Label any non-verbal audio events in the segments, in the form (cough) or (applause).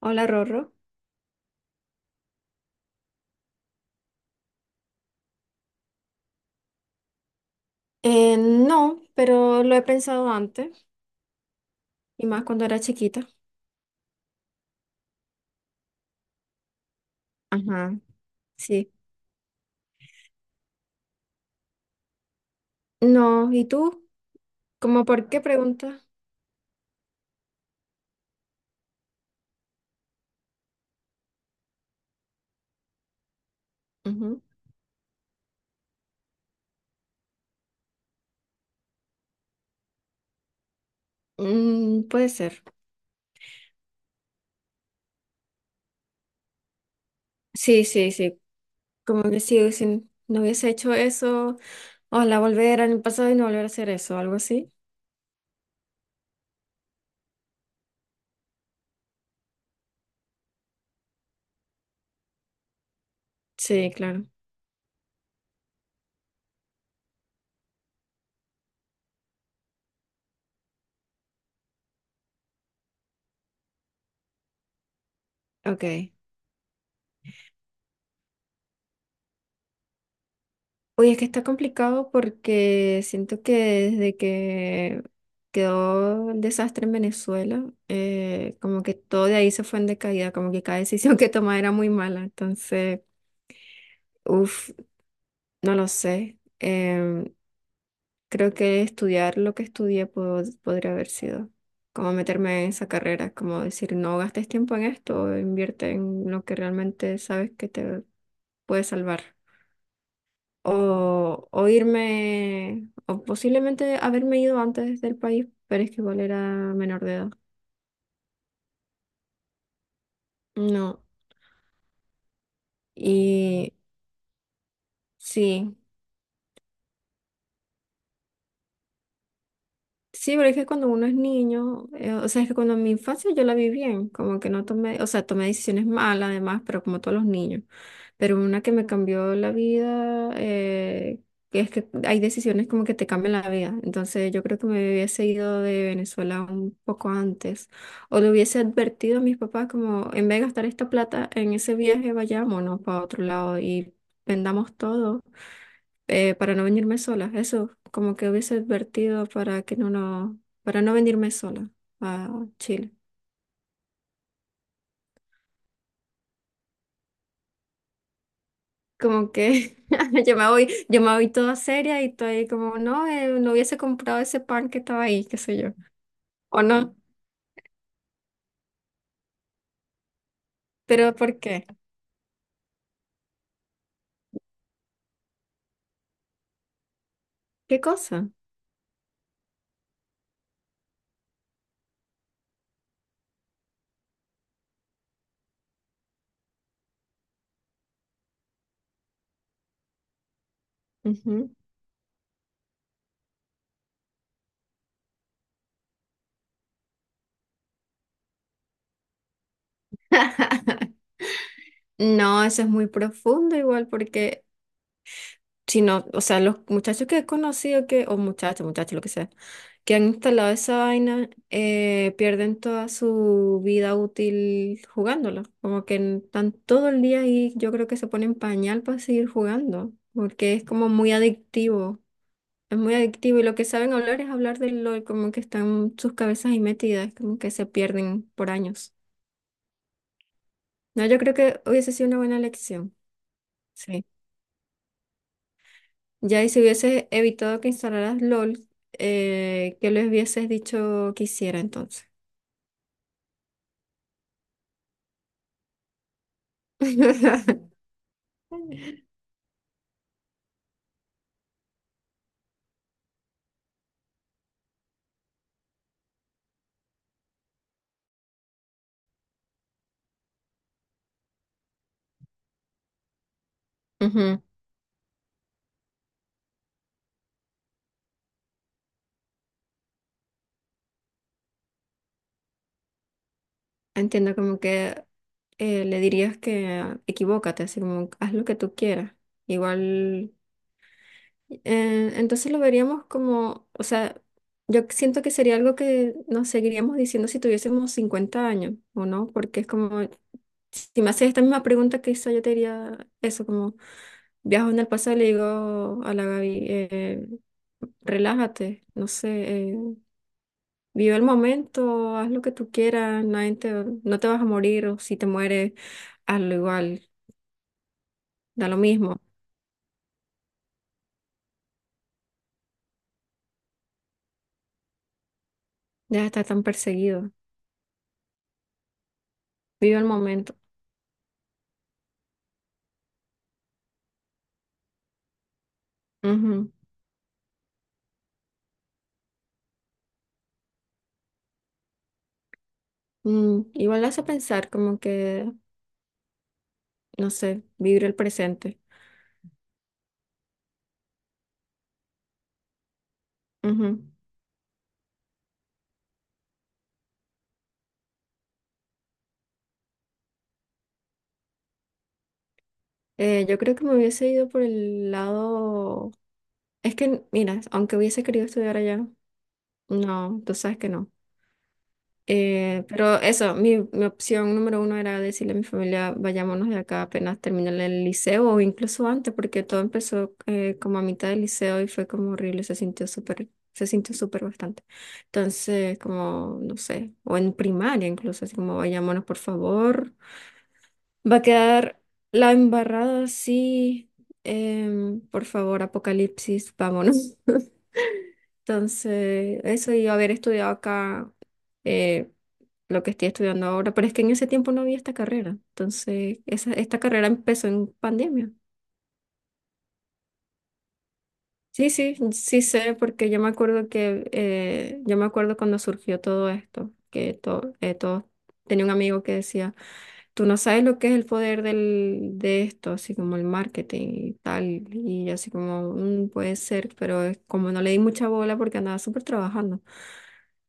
Hola, Rorro. No, pero lo he pensado antes, y más cuando era chiquita. Ajá, sí. No, ¿y tú? ¿Cómo por qué pregunta? Ujú. Mm, puede ser. Sí, sí, sí. Como que sí, si no hubiese hecho eso, ojalá volver al pasado y no volver a hacer eso, algo así. Sí, claro. Ok. Oye, es que está complicado porque siento que desde que quedó el desastre en Venezuela, como que todo de ahí se fue en decaída, como que cada decisión (laughs) que tomaba era muy mala. Entonces, uff, no lo sé. Creo que estudiar lo que estudié podría haber sido como meterme en esa carrera, como decir, no gastes tiempo en esto, invierte en lo que realmente sabes que te puede salvar. O irme, o posiblemente haberme ido antes del país, pero es que igual era menor de edad. No, y sí. Sí, pero es que cuando uno es niño, o sea, es que cuando en mi infancia yo la vi bien, como que no tomé, o sea, tomé decisiones malas además, pero como todos los niños. Pero una que me cambió la vida, que es que hay decisiones como que te cambian la vida. Entonces yo creo que me hubiese ido de Venezuela un poco antes, o le hubiese advertido a mis papás como, en vez de gastar esta plata en ese viaje, vayámonos para otro lado y vendamos todo, para no venirme sola. Eso, como que hubiese advertido para que no, no, para no venirme sola a Chile. Como que (laughs) yo me voy toda seria y estoy como, no, no hubiese comprado ese pan que estaba ahí, qué sé yo. O no, pero ¿por qué? ¿Qué cosa? Ujú. (laughs) No, eso es muy profundo igual porque sino, o sea, los muchachos que he conocido que, o muchachos, muchachos, lo que sea, que han instalado esa vaina, pierden toda su vida útil jugándola. Como que están todo el día ahí, yo creo que se ponen pañal para seguir jugando, porque es como muy adictivo. Es muy adictivo y lo que saben hablar es hablar de lo como que están sus cabezas ahí metidas, como que se pierden por años. No, yo creo que hubiese sido una buena lección. Sí. Ya, y si hubieses evitado que instalaras LOL, ¿qué les hubieses dicho que hiciera entonces? (laughs) Ujú. Entiendo como que le dirías que equivócate, así como haz lo que tú quieras. Igual entonces lo veríamos como, o sea, yo siento que sería algo que nos seguiríamos diciendo si tuviésemos 50 años, ¿o no? Porque es como, si me haces esta misma pregunta que hizo, yo te diría eso, como viajo en el pasado y le digo a la Gaby, relájate, no sé, vive el momento, haz lo que tú quieras, nadie te- no te vas a morir, o si te mueres, hazlo igual, da lo mismo, deja de estar tan perseguido, vive el momento. Mm, igual hace pensar como que, no sé, vivir el presente. Ujú. Yo creo que me hubiese ido por el lado... Es que, mira, aunque hubiese querido estudiar allá, no, tú sabes que no. Pero eso, mi opción número uno era decirle a mi familia, vayámonos de acá apenas termine el liceo o incluso antes, porque todo empezó como a mitad del liceo y fue como horrible, se sintió súper bastante. Entonces, como, no sé, o en primaria incluso, así como, vayámonos por favor. Va a quedar la embarrada así, por favor, apocalipsis, vámonos. Entonces, eso y haber estudiado acá eh, lo que estoy estudiando ahora, pero es que en ese tiempo no había esta carrera. Entonces, esta carrera empezó en pandemia. Sí, sí, sí sé, porque yo me acuerdo que, yo me acuerdo cuando surgió todo esto, que todo, tenía un amigo que decía, tú no sabes lo que es el poder de esto, así como el marketing y tal, y yo así como, "Mm, puede ser", pero es como no le di mucha bola porque andaba súper trabajando.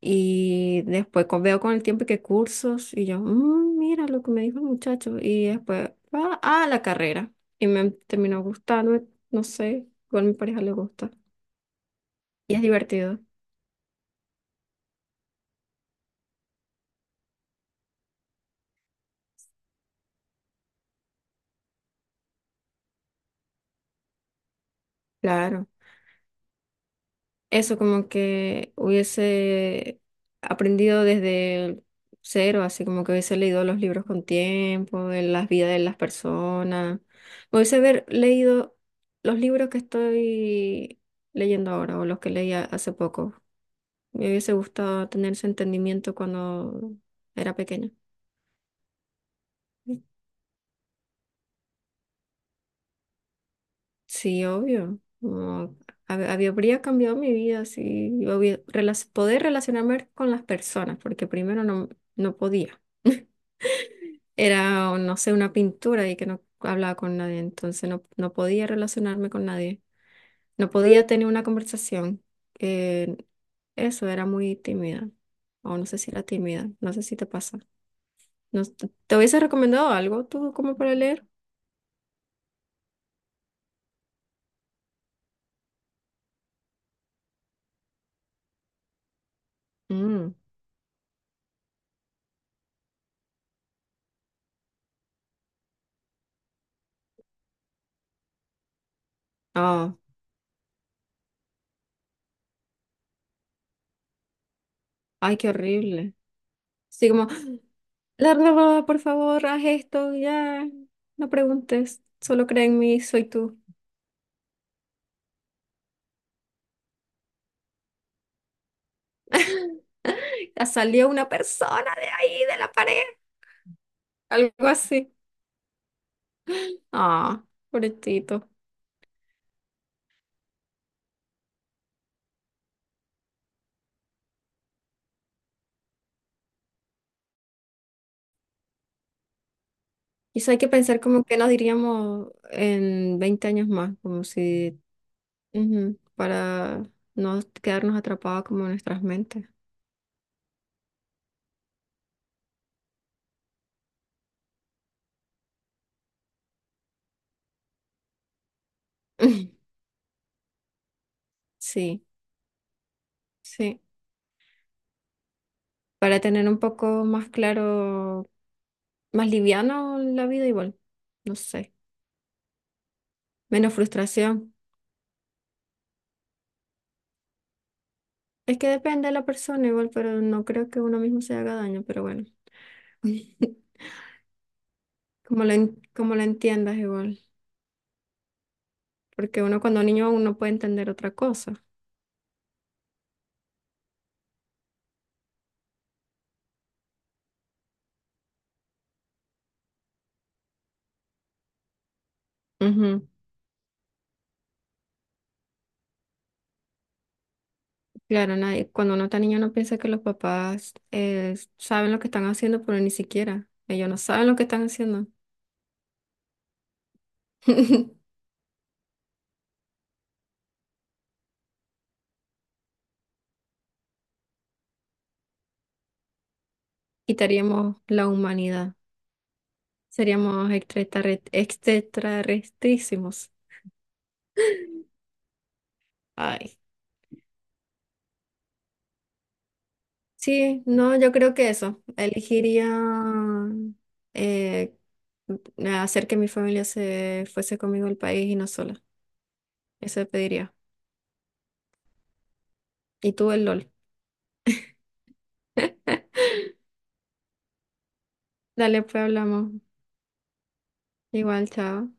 Y después veo con el tiempo que cursos y yo, "Mm, mira lo que me dijo el muchacho". Y después va a la carrera. Y me terminó gustando, no sé, igual a mi pareja le gusta. Y es divertido, claro. Eso como que hubiese aprendido desde el cero, así como que hubiese leído los libros con tiempo, de las vidas de las personas. Me hubiese haber leído los libros que estoy leyendo ahora o los que leía hace poco. Me hubiese gustado tener ese entendimiento cuando era pequeña. Sí, obvio. No, habría cambiado mi vida si yo poder relacionarme con las personas, porque primero no, no podía. Era, o no sé, una pintura y que no hablaba con nadie, entonces no, no podía relacionarme con nadie. No podía tener una conversación. eh, Eso era muy tímida. O no sé si era tímida, no sé si te pasa. No, ¿te hubiese recomendado algo tú como para leer? Mm. Oh, ay, qué horrible. Sí, como, larga, va, por favor, haz esto, ya. No preguntes, solo cree en mí, soy tú. Ya salió una persona de ahí, de la pared. Algo así. Ah, pobrecito. Quizá hay que pensar como que nos diríamos en 20 años más, como si, ujú, para no quedarnos atrapados como en nuestras mentes. (laughs) Sí, sí. Para tener un poco más claro, más liviano la vida igual. No sé. Menos frustración. Es que depende de la persona igual, pero no creo que uno mismo se haga daño, pero bueno. (laughs) Como lo, como lo entiendas igual. Porque uno cuando niño aún no puede entender otra cosa. Ujú. Claro, nadie, cuando uno está niño no piensa que los papás saben lo que están haciendo, pero ni siquiera. Ellos no saben lo que están haciendo. (laughs) Quitaríamos la humanidad. Seríamos extraterrestrísimos. Ay. Sí, no, yo creo que eso. Elegiría eh, hacer que mi familia se fuese conmigo al país y no sola. Eso pediría. Y tú el LOL. Dale, pues hablamos. Igual, chao.